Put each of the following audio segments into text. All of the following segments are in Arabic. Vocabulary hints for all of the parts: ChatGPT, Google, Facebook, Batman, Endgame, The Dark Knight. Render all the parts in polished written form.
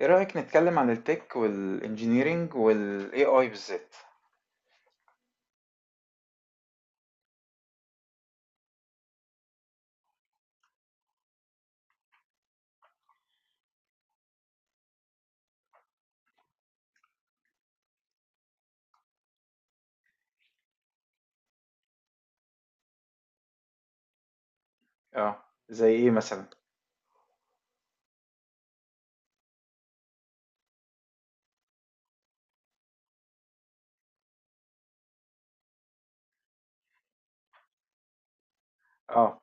ايه رأيك نتكلم عن التك والانجينيرينج والاي اي بالذات. اه. زي ايه مثلا؟ اه،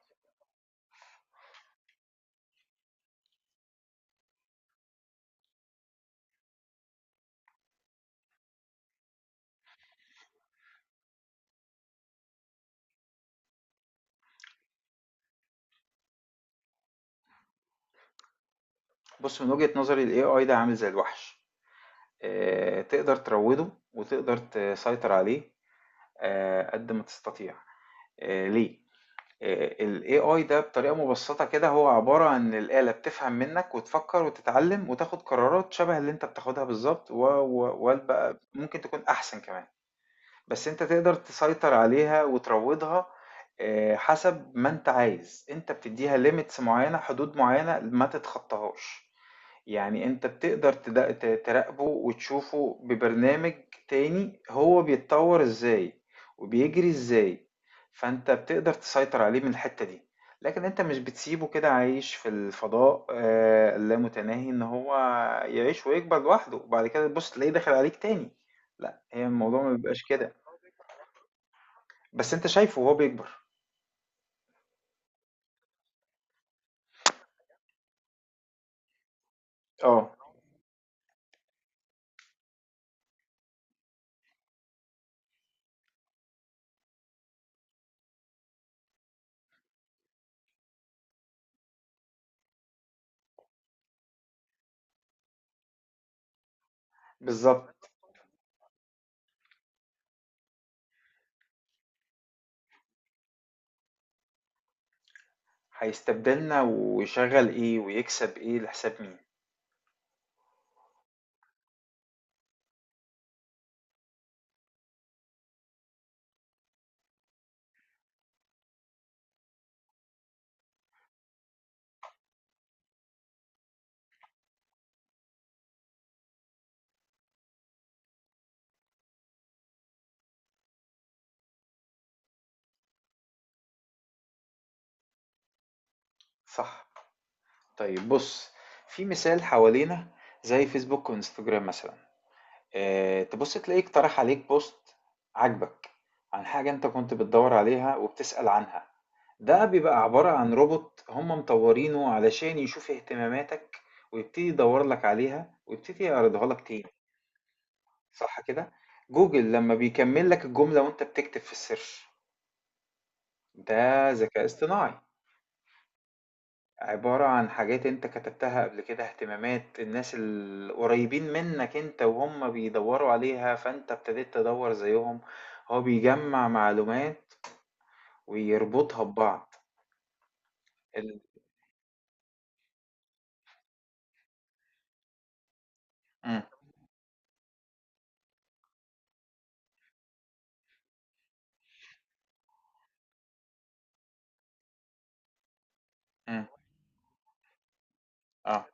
بص، من وجهة نظري الاي اي ده عامل زي الوحش. تقدر تروده وتقدر تسيطر عليه قد ما تستطيع. ليه؟ الاي اي ده بطريقة مبسطة كده هو عبارة عن الآلة بتفهم منك وتفكر وتتعلم وتاخد قرارات شبه اللي انت بتاخدها بالظبط، و- و- وبقى ممكن تكون احسن كمان. بس أنت تقدر تسيطر عليها وتروضها حسب ما أنت عايز. أنت بتديها ليميتس معينة، حدود معينة ما تتخطاهاش. يعني أنت بتقدر تراقبه وتشوفه ببرنامج تاني، هو بيتطور إزاي وبيجري إزاي. فأنت بتقدر تسيطر عليه من الحتة دي. لكن أنت مش بتسيبه كده عايش في الفضاء اللامتناهي إن هو يعيش ويكبر لوحده وبعد كده تبص تلاقيه داخل عليك تاني. لا، هي الموضوع ما بيبقاش كده. بس أنت شايفه وهو بيكبر. آه، بالضبط. هيستبدلنا ويشغّل إيه ويكسب إيه لحساب مين؟ صح، طيب بُص، في مثال حوالينا، زي فيسبوك وإنستجرام مثلًا، تبُص تلاقيه اقترح عليك post عاجبك عن حاجة أنت كنت بتدوّر عليها وبتسأل عنها. ده بيبقى عبارة عن روبوت هم مطوّرينه علشان يشوف اهتماماتك ويبتدي يدوّر لك عليها ويبتدي يعرضها لك تاني. صح كده؟ جوجل لما بيكمل لك الجملة وأنت بتكتب في السيرش، ده ذكاء اصطناعي. عبارة عن حاجات أنت كتبتها قبل كده، اهتمامات الناس القريبين منك أنت وهم بيدوروا عليها فأنت ابتديت تدور زيهم. هو بيجمع معلومات ويربطها ببعض. ال... مم. مم. اه،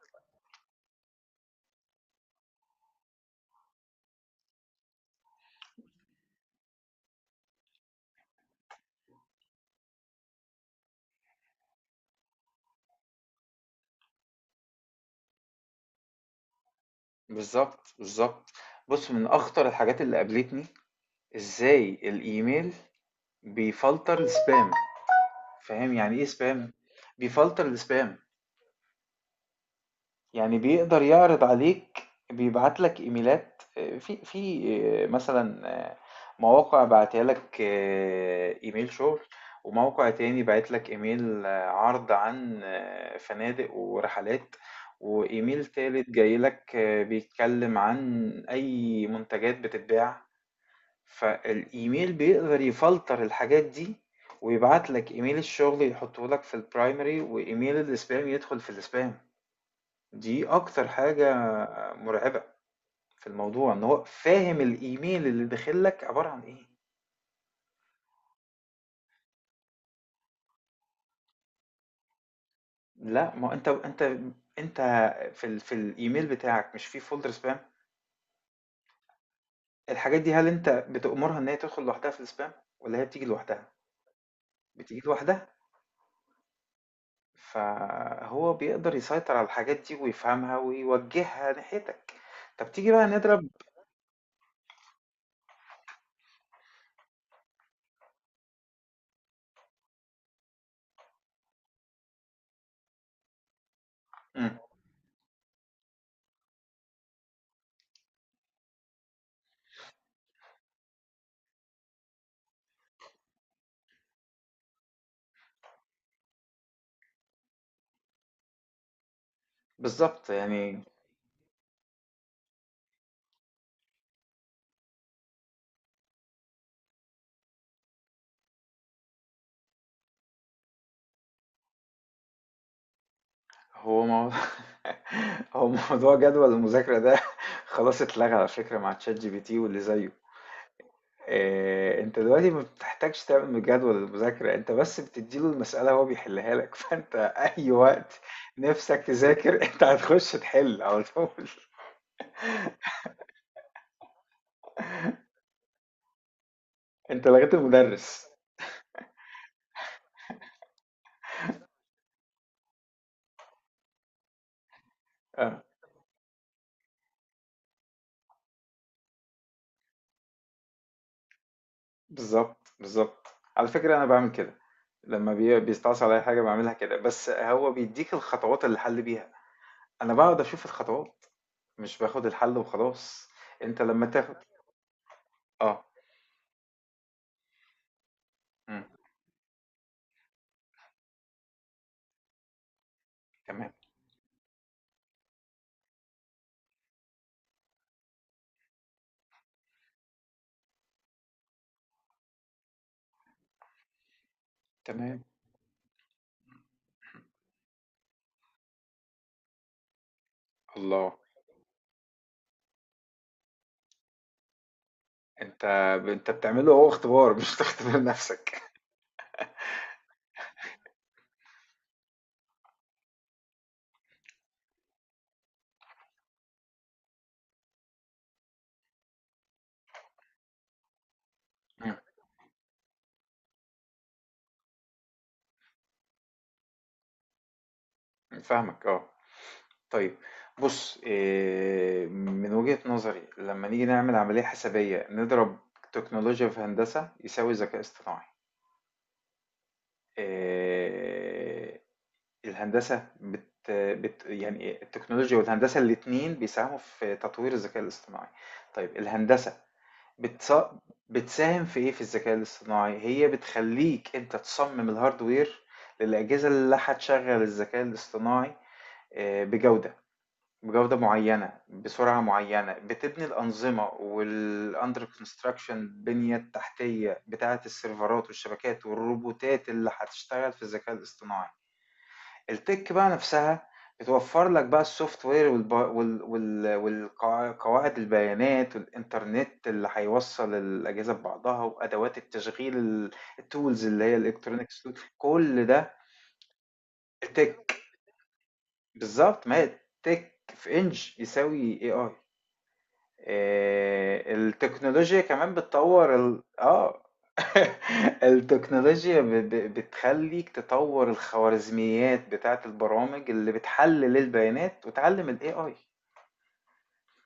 بالظبط بالظبط. بص، من أخطر الحاجات اللي قابلتني إزاي الإيميل بيفلتر السبام. فاهم يعني إيه سبام؟ بيفلتر السبام، يعني بيقدر يعرض عليك، بيبعت لك ايميلات آه، في في آه، مثلا آه، مواقع بعتها لك ايميل شغل، وموقع تاني بعت لك ايميل عرض عن فنادق ورحلات، وايميل تالت جاي لك بيتكلم عن اي منتجات بتتباع. فالايميل بيقدر يفلتر الحاجات دي ويبعت لك ايميل الشغل يحطه لك في البرايمري، وايميل الاسبام يدخل في الاسبام. دي اكتر حاجة مرعبة في الموضوع، ان هو فاهم الايميل اللي داخل لك عبارة عن ايه. لا، ما انت انت في في الايميل بتاعك مش في فولدر سبام. الحاجات دي هل انت بتأمرها ان هي تدخل لوحدها في السبام، ولا هي بتيجي لوحدها؟ بتيجي لوحدها. فهو بيقدر يسيطر على الحاجات دي ويفهمها ويوجهها ناحيتك. طب تيجي بقى نضرب. مم، بالظبط يعني. هو موضوع هو موضوع جدول المذاكرة ده خلاص اتلغى على فكرة مع تشات جي بي تي واللي زيه. أنت دلوقتي ما بتحتاجش تعمل جدول للمذاكرة، أنت بس بتدّي له المسألة هو بيحلها لك، فأنت أي وقت نِفْسك تذاكر أنت هتخش تحل على طول. أنت لغيت المدرس. آه، بالضبط، بالضبط. على فكرة أنا باعمل كده، لمّا بيستعصي عليّا حاجة باعملها كده، بس هو بيدّيك الخطوات اللي الحل بيها، أنا باقعد أشوف الخطوات، مش باخد الحل وخلاص. أنت لمّا تاخد آه، إمم، تمام، تمام. الله. انت انت بتعمله هو اختبار، مش بتختبر نفسك. مم. فاهمك، اه. طيب بص إيه، من وجهة نظري لما نيجي نعمل عملية حسابية نضرب، تكنولوجيا في هندسة يساوي ذكاء اصطناعي. إيه، الهندسة بت يعني التكنولوجيا والهندسة الاتنين بيساهموا في تطوير الذكاء الاصطناعي. طيب الهندسة بتص... بتساهم في ايه في الذكاء الاصطناعي؟ هي بتخليك انت تصمم الهاردوير للأجهزة اللي هتشغل الذكاء الاصطناعي بجودة، بجودة معينة بسرعة معينة، بتبني الأنظمة والأندر كونستراكشن، البنية التحتية بتاعة السيرفرات والشبكات والروبوتات اللي هتشتغل في الذكاء الاصطناعي. التِك بقى نفسها بتوفّر لك بقى الSoftware، والب وال وال والقوا قواعد البيانات والإنترنت اللي هيوصّل الأجهزة ببعضها، وأدوات التشغيل الtools، اللي هي الelectronic tool، كل ده التِك. بالضبط، ما هي التِك في إنج يساوي AI. التكنولوجيا كمان بتطور ال... اه التكنولوجيا بتخليك تطور الخوارزميات بتاعت البرامج اللي بتحلل البيانات وتعلم ال AI.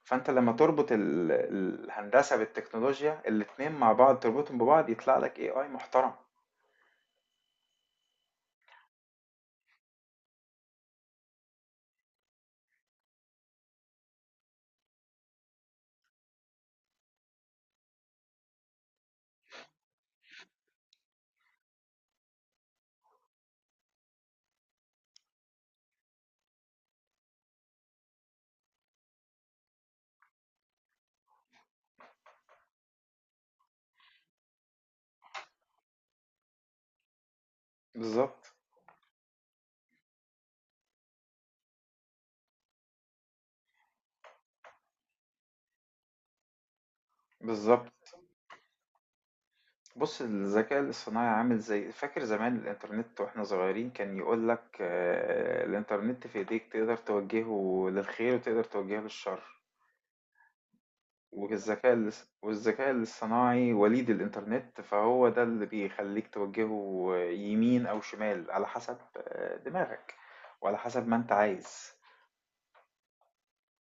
فانت لما تربط الهندسة بالتكنولوجيا الاتنين مع بعض، تربطهم ببعض يطلع لك AI محترم. بالظبط بالظبط. بُص، الذكاء الاصطناعي عامل زي، فاكر زمان الإنترنت وإحنا صغيرين كان يقول لك الإنترنت في إيديك، تقدر توجهه للخير وتقدر توجهه للشر، والذكاء الاصطناعي وليد الإنترنت، فهو ده اللي بيخلّيك توجهه يمين أو شمال على حسب دماغك وعلى حسب ما أنت عايز.